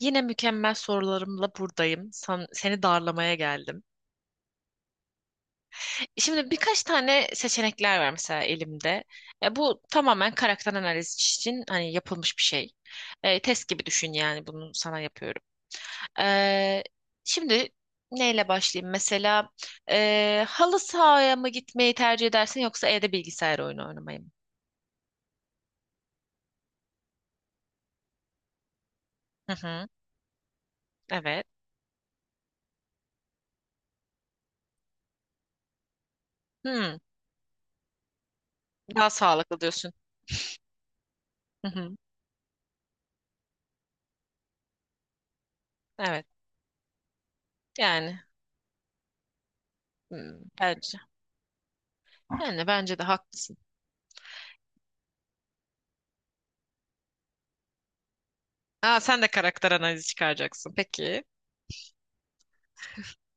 Yine mükemmel sorularımla buradayım. Seni darlamaya geldim. Şimdi birkaç tane seçenekler var mesela elimde. Bu tamamen karakter analizi için hani yapılmış bir şey. Test gibi düşün yani bunu sana yapıyorum. E, şimdi neyle başlayayım? Mesela halı sahaya mı gitmeyi tercih edersin yoksa evde bilgisayar oyunu oynamayı mı? Hı hı, evet. Hı, daha sağlıklı diyorsun. Hı hı, evet. Yani bence. Yani bence de haklısın. Aa, sen de karakter analizi çıkaracaksın. Peki.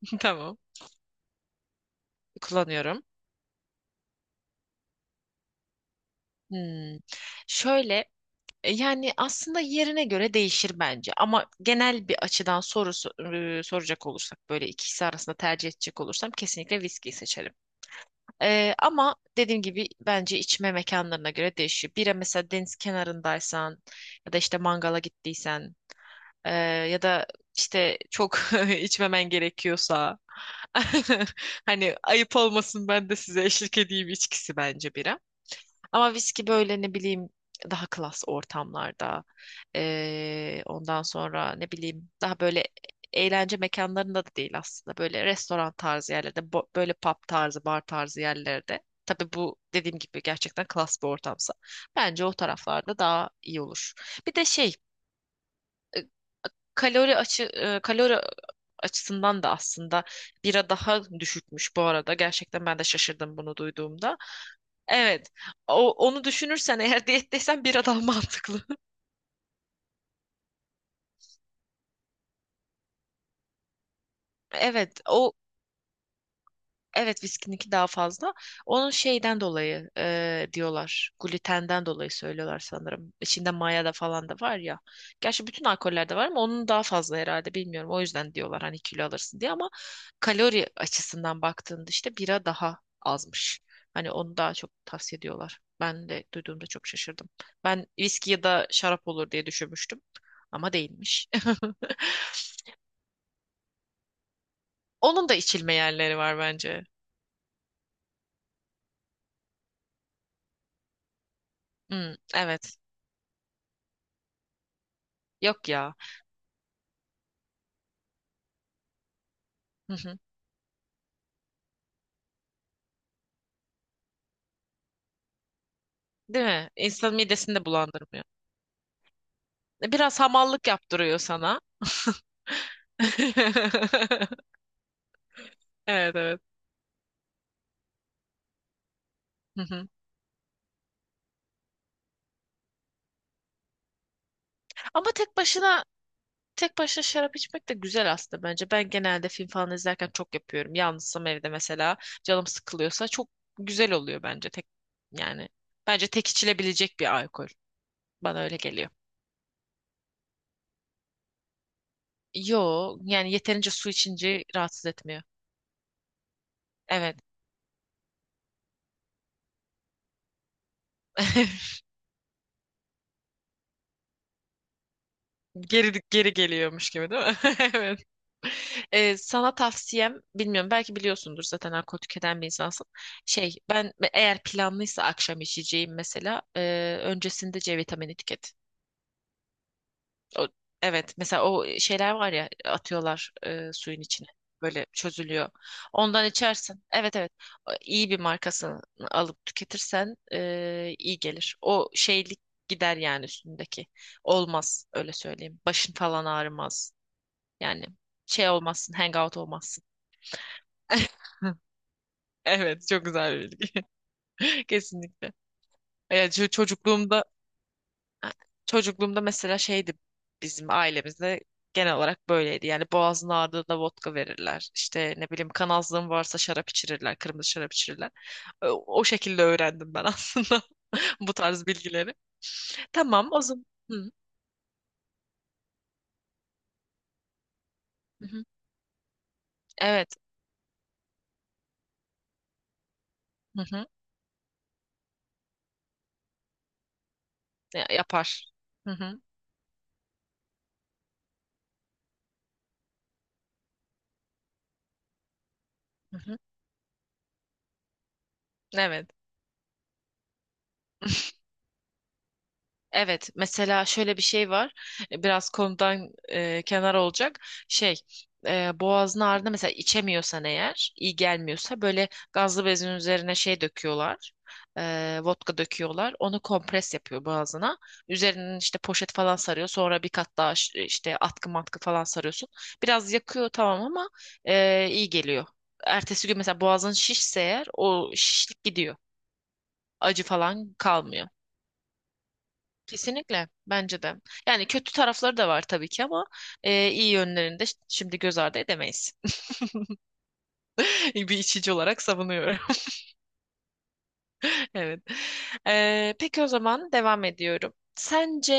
Tamam. Kullanıyorum. Hmm. Şöyle yani aslında yerine göre değişir bence ama genel bir açıdan soracak olursak böyle ikisi arasında tercih edecek olursam kesinlikle viskiyi seçerim. Ama dediğim gibi bence içme mekanlarına göre değişiyor. Bira mesela deniz kenarındaysan ya da işte mangala gittiysen e, ya da işte çok içmemen gerekiyorsa hani ayıp olmasın ben de size eşlik edeyim içkisi bence bira. Ama viski böyle ne bileyim daha klas ortamlarda. Ondan sonra ne bileyim daha böyle eğlence mekanlarında da değil aslında. Böyle restoran tarzı yerlerde, böyle pub tarzı, bar tarzı yerlerde. Tabii bu dediğim gibi gerçekten klas bir ortamsa. Bence o taraflarda daha iyi olur. Bir de şey. Kalori açısından da aslında bira daha düşükmüş bu arada. Gerçekten ben de şaşırdım bunu duyduğumda. Evet. Onu düşünürsen eğer diyetteysen bira daha mantıklı. Evet. Evet, viskininki daha fazla. Onun şeyden dolayı diyorlar. Glutenden dolayı söylüyorlar sanırım. İçinde maya da falan da var ya. Gerçi bütün alkollerde var ama onun daha fazla herhalde bilmiyorum. O yüzden diyorlar hani kilo alırsın diye ama kalori açısından baktığında işte bira daha azmış. Hani onu daha çok tavsiye ediyorlar. Ben de duyduğumda çok şaşırdım. Ben viski ya da şarap olur diye düşünmüştüm ama değilmiş. Onun da içilme yerleri var bence. Hmm, evet. Yok ya. Değil mi? İnsanın midesini de bulandırmıyor. Biraz hamallık yaptırıyor sana. Evet, evet. Hı hı. Ama tek başına şarap içmek de güzel aslında bence. Ben genelde film falan izlerken çok yapıyorum. Yalnızsam evde mesela canım sıkılıyorsa çok güzel oluyor bence tek yani bence tek içilebilecek bir alkol. Bana öyle geliyor. Yo, yani yeterince su içince rahatsız etmiyor. Evet. Geri geri geliyormuş gibi değil mi? Evet. Sana tavsiyem bilmiyorum, belki biliyorsundur zaten, alkol tüketen bir insansın. Şey, ben eğer planlıysa akşam içeceğim mesela, öncesinde C vitamini tüket. O, evet, mesela o şeyler var ya atıyorlar suyun içine böyle çözülüyor. Ondan içersin. Evet, evet. O iyi bir markasını alıp tüketirsen iyi gelir. O şeylik gider yani üstündeki. Olmaz, öyle söyleyeyim. Başın falan ağrımaz. Yani şey olmazsın, hangout olmazsın. Evet, çok güzel bir bilgi. Kesinlikle. Ya, çocukluğumda mesela şeydi, bizim ailemizde genel olarak böyleydi. Yani boğazın ağrıdığında vodka verirler. İşte ne bileyim kanazlığın varsa şarap içirirler, kırmızı şarap içirirler. O şekilde öğrendim ben aslında bu tarz bilgileri. Tamam, o zaman. Hı, hı, hı. Evet. Hı hı. Yapar. Hı hı. Hı hı. Evet. Evet, mesela şöyle bir şey var. Biraz konudan kenar olacak. Şey, boğazın ağrıda mesela içemiyorsan eğer, iyi gelmiyorsa böyle gazlı bezin üzerine şey döküyorlar. Vodka döküyorlar. Onu kompres yapıyor boğazına. Üzerinin işte poşet falan sarıyor. Sonra bir kat daha işte atkı matkı falan sarıyorsun. Biraz yakıyor tamam ama iyi geliyor. Ertesi gün mesela boğazın şişse eğer o şişlik gidiyor. Acı falan kalmıyor. Kesinlikle, bence de. Yani kötü tarafları da var tabii ki ama iyi yönlerini de şimdi göz ardı edemeyiz. Bir içici olarak savunuyorum. Evet. Peki o zaman devam ediyorum. Sence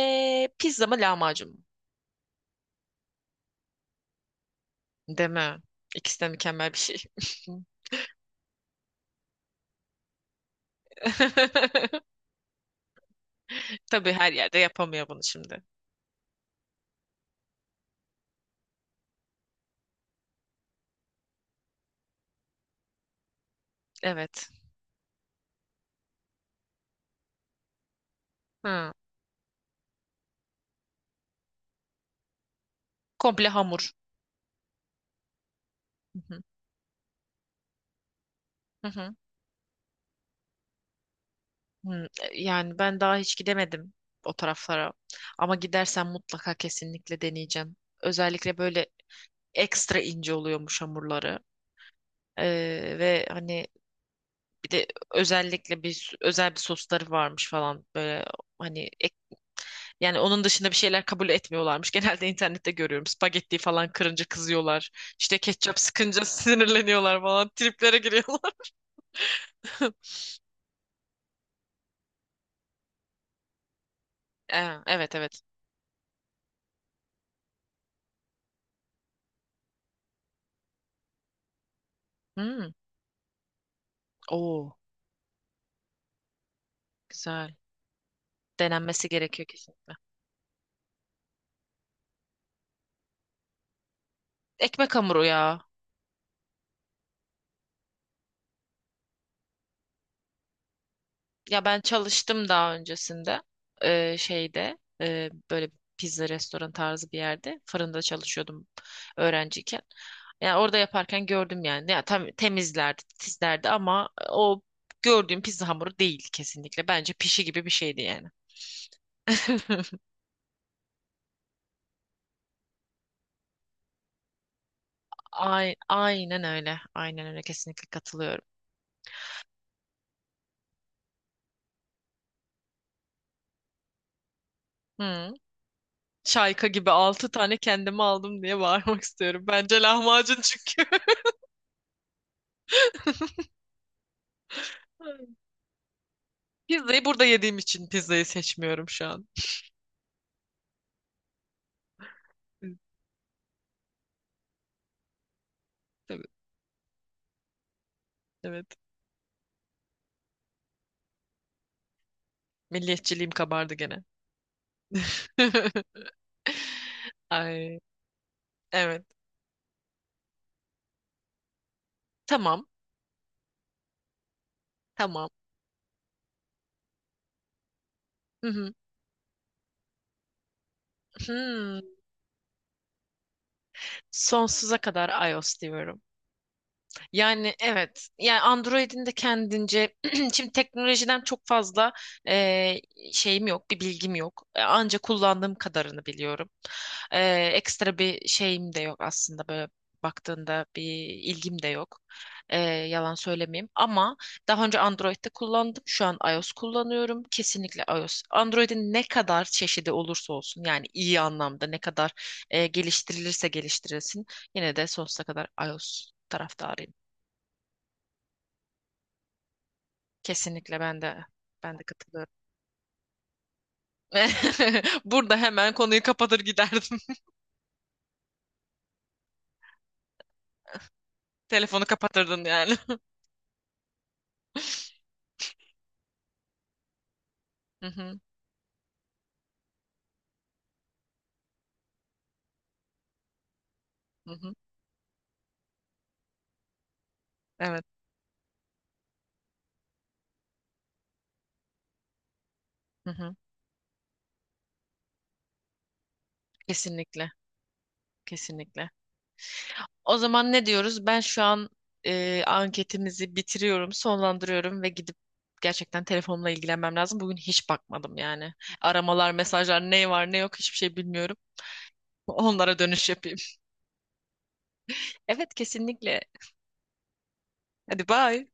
pizza mı lahmacun mu? Değil mi? İkisi de mükemmel bir şey. Tabii her yerde yapamıyor bunu şimdi. Evet. Hı. Komple hamur. Hı hı. Hı hı. Hmm, yani ben daha hiç gidemedim o taraflara. Ama gidersen mutlaka kesinlikle deneyeceğim. Özellikle böyle ekstra ince oluyormuş hamurları. Ve hani bir de özellikle özel bir sosları varmış falan böyle hani yani onun dışında bir şeyler kabul etmiyorlarmış. Genelde internette görüyorum. Spagetti falan kırınca kızıyorlar. İşte ketçap sıkınca sinirleniyorlar falan. Triplere giriyorlar. Evet, evet. Hmm. Oo, güzel. Denenmesi gerekiyor kesin. Ekmek hamuru ya. Ya ben çalıştım daha öncesinde. Böyle pizza restoran tarzı bir yerde fırında çalışıyordum öğrenciyken. Yani orada yaparken gördüm yani. Ya tam temizlerdi, titizlerdi ama o gördüğüm pizza hamuru değil kesinlikle. Bence pişi gibi bir şeydi yani. Ay, aynen öyle. Aynen öyle, kesinlikle katılıyorum. Hı. Şayka gibi altı tane kendime aldım diye bağırmak istiyorum. Bence lahmacun çünkü. Pizzayı burada yediğim için pizzayı seçmiyorum şu an. Evet. Evet. Milliyetçiliğim kabardı gene. Ay, evet. Tamam. Tamam. Hı hı. Hmm. Sonsuza kadar iOS diyorum. Yani evet. Yani Android'in de kendince şimdi teknolojiden çok fazla eee, şeyim yok, bir bilgim yok. Anca kullandığım kadarını biliyorum. Ekstra bir şeyim de yok aslında, böyle baktığında bir ilgim de yok. Yalan söylemeyeyim. Ama daha önce Android'de kullandım. Şu an iOS kullanıyorum. Kesinlikle iOS. Android'in ne kadar çeşidi olursa olsun, yani iyi anlamda ne kadar geliştirilirse geliştirilsin, yine de sonsuza kadar iOS taraftarıyım. Kesinlikle, ben de katılıyorum. Burada hemen konuyu kapatır giderdim. Telefonu kapatırdın yani. Hı hı, hı hı. Evet. Hı hı. Kesinlikle. Kesinlikle. O zaman ne diyoruz? Ben şu an anketimizi bitiriyorum, sonlandırıyorum ve gidip gerçekten telefonla ilgilenmem lazım. Bugün hiç bakmadım yani. Aramalar, mesajlar, ne var ne yok hiçbir şey bilmiyorum. Onlara dönüş yapayım. Evet, kesinlikle. Hadi bye.